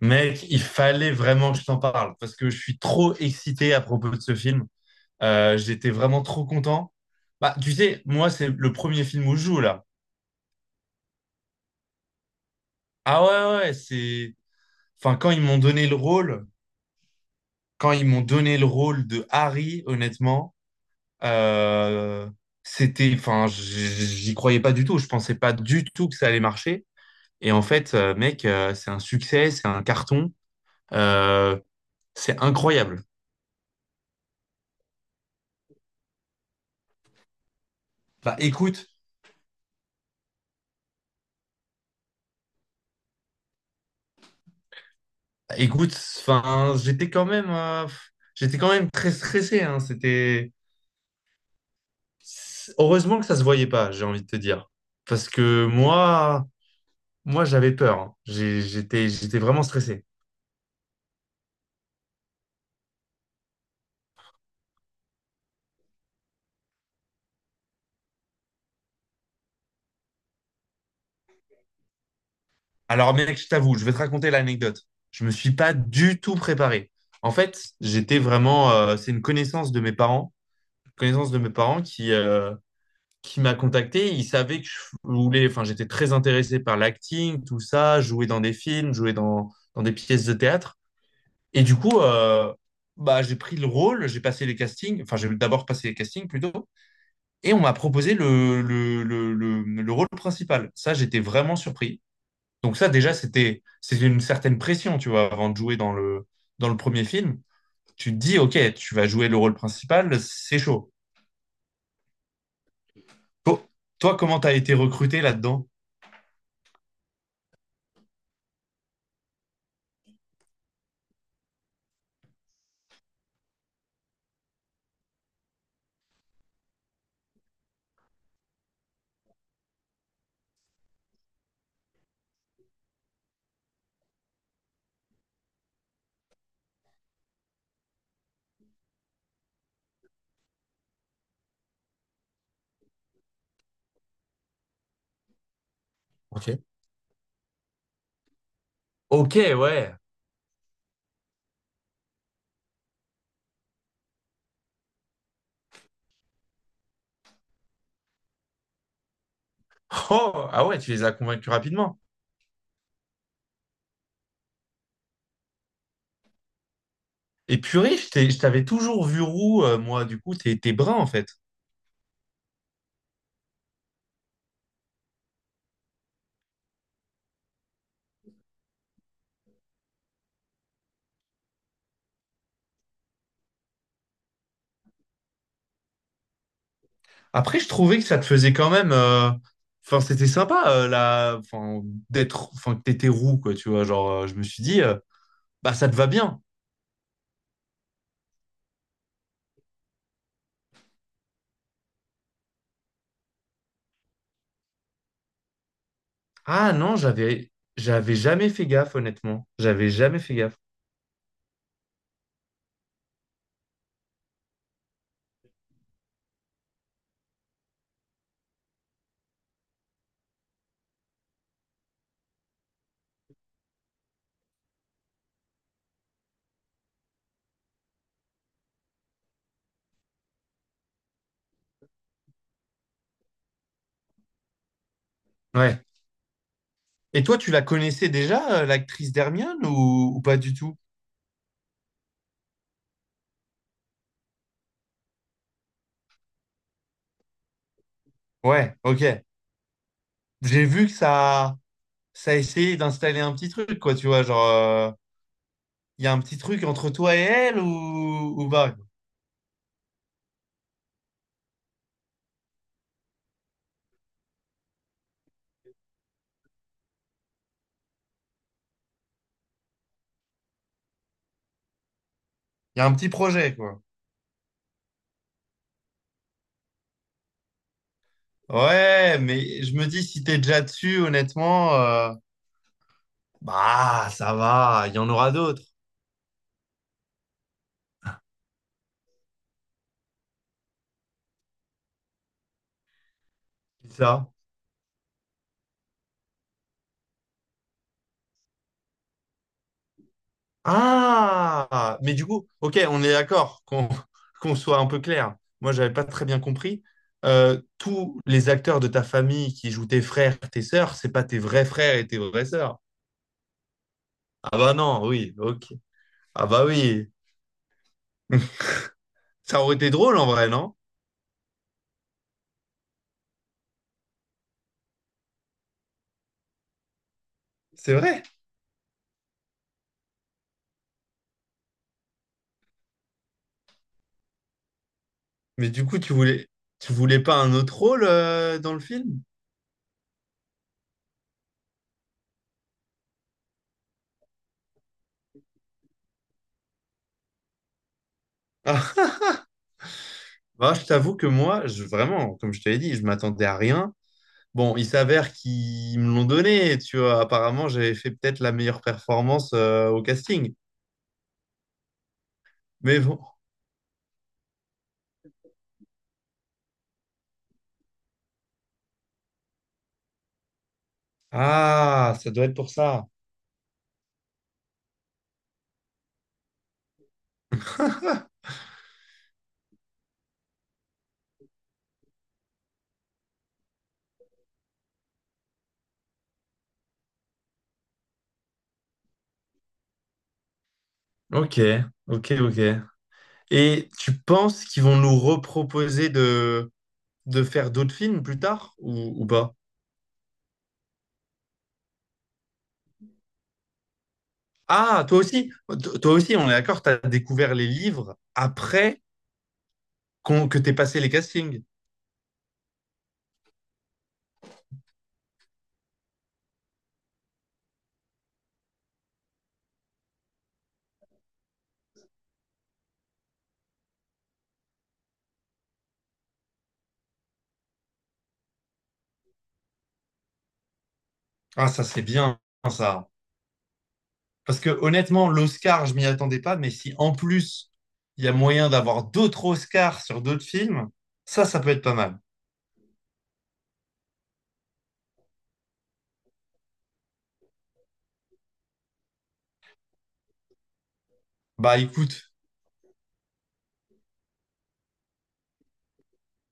Mec, il fallait vraiment que je t'en parle parce que je suis trop excité à propos de ce film. J'étais vraiment trop content. Bah, tu sais, moi, c'est le premier film où je joue là. Ah ouais, ouais, ouais, c'est. Enfin, quand ils m'ont donné le rôle de Harry, honnêtement, euh, c'était. J'y croyais pas du tout. Je pensais pas du tout que ça allait marcher. Et en fait, mec, c'est un succès, c'est un carton. Euh, c'est incroyable. Bah, écoute. Écoute, enfin, j'étais quand même très stressé, hein. C'était heureusement que ça se voyait pas, j'ai envie de te dire, parce que moi, j'avais peur, hein. J'étais vraiment stressé. Alors, mec, je t'avoue, je vais te raconter l'anecdote. Je me suis pas du tout préparé. En fait, c'est une connaissance de mes parents qui m'a contacté. Ils savaient que je voulais, enfin, j'étais très intéressé par l'acting, tout ça, jouer dans des films, jouer dans des pièces de théâtre. Et du coup, bah, j'ai pris le rôle, j'ai passé les castings, enfin, j'ai d'abord passé les castings plutôt, et on m'a proposé le rôle principal. Ça, j'étais vraiment surpris. Donc, ça, déjà, c'était une certaine pression, tu vois, avant de jouer dans dans le premier film. Tu te dis, OK, tu vas jouer le rôle principal, c'est chaud. To- Toi, comment t'as été recruté là-dedans? Ok. Ok, ouais. Oh, ah ouais, tu les as convaincus rapidement. Et purée, je t'avais toujours vu roux, moi, du coup, t'es brun en fait. Après, je trouvais que ça te faisait quand même, euh. Enfin, c'était sympa, la... enfin, d'être. Enfin, que t'étais roux, quoi, tu vois. Genre, je me suis dit, bah, ça te va bien. Ah non, j'avais jamais fait gaffe, honnêtement. J'avais jamais fait gaffe. Ouais. Et toi, tu la connaissais déjà, l'actrice d'Hermione, ou pas du tout? Ouais, ok. J'ai vu que ça... ça a essayé d'installer un petit truc, quoi, tu vois. Genre, il y a un petit truc entre toi et elle, ou pas, quoi. Il y a un petit projet, quoi. Ouais, mais je me dis, si t'es déjà dessus, honnêtement, bah, ça va, il y en aura d'autres. C'est ça. Ah, mais du coup, ok, on est d'accord qu'on qu'on soit un peu clair. Moi, j'avais pas très bien compris. Tous les acteurs de ta famille qui jouent tes frères, tes sœurs, c'est pas tes vrais frères et tes vraies sœurs. Ah bah non, oui, ok. Ah bah oui. Ça aurait été drôle en vrai, non? C'est vrai. Mais du coup, tu voulais pas un autre rôle, dans le film? Bah, je t'avoue que moi, je, vraiment, comme je te l'ai dit, je m'attendais à rien. Bon, il s'avère qu'ils me l'ont donné, tu vois. Apparemment, j'avais fait peut-être la meilleure performance, au casting. Mais bon. Ah, ça doit être pour ça. Ok, ok, ok. Et tu penses qu'ils vont nous reproposer de faire d'autres films plus tard ou pas? Ah, toi aussi? Toi aussi, on est d'accord, t'as découvert les livres après que t'aies passé les castings. Ah, ça, c'est bien, ça. Parce que honnêtement, l'Oscar, je m'y attendais pas, mais si en plus il y a moyen d'avoir d'autres Oscars sur d'autres films, ça peut être pas mal. Bah écoute,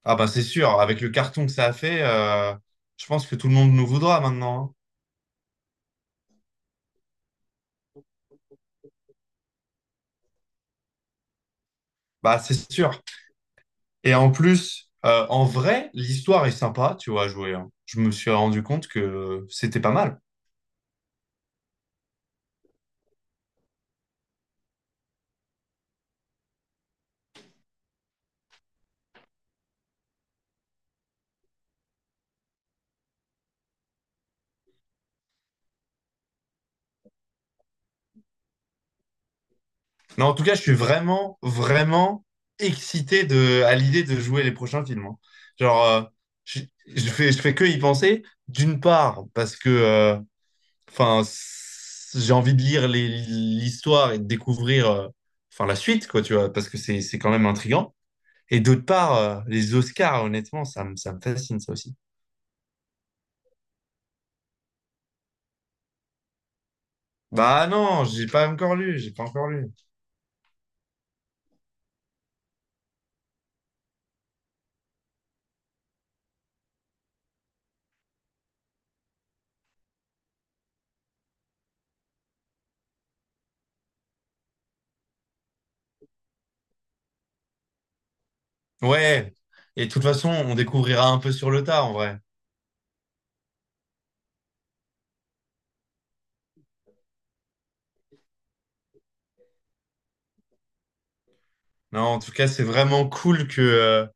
ah bah c'est sûr, avec le carton que ça a fait, je pense que tout le monde nous voudra maintenant, hein. Bah c'est sûr. Et en plus, en vrai, l'histoire est sympa, tu vois, à jouer, hein. Je me suis rendu compte que c'était pas mal. Non, en tout cas, je suis vraiment, vraiment excité de, à l'idée de jouer les prochains films, hein. Genre, je, je fais que y penser. D'une part, parce que, j'ai envie de lire l'histoire et de découvrir, enfin, la suite, quoi, tu vois, parce que c'est quand même intriguant. Et d'autre part, les Oscars, honnêtement, ça me fascine, ça aussi. Bah non, j'ai pas encore lu. Ouais. Et de toute façon, on découvrira un peu sur le tas, en vrai. Non, en tout cas, c'est vraiment cool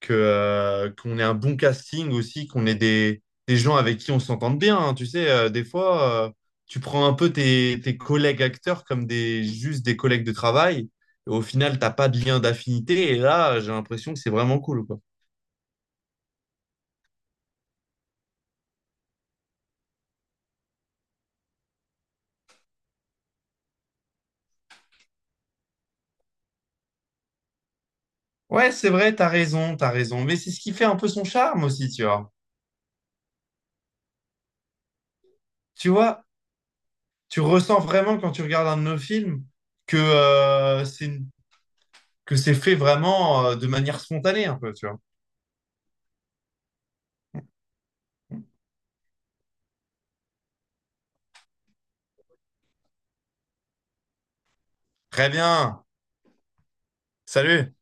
que, qu'on ait un bon casting aussi, qu'on ait des gens avec qui on s'entende bien, hein. Tu sais, des fois, tu prends un peu tes collègues acteurs comme des, juste des collègues de travail. Et au final, t'as pas de lien d'affinité. Et là, j'ai l'impression que c'est vraiment cool, quoi. Ouais, c'est vrai, t'as raison, t'as raison. Mais c'est ce qui fait un peu son charme aussi, tu vois. Tu vois, tu ressens vraiment quand tu regardes un de nos films que c'est que c'est fait vraiment, de manière spontanée un peu, tu vois. Très bien. Salut.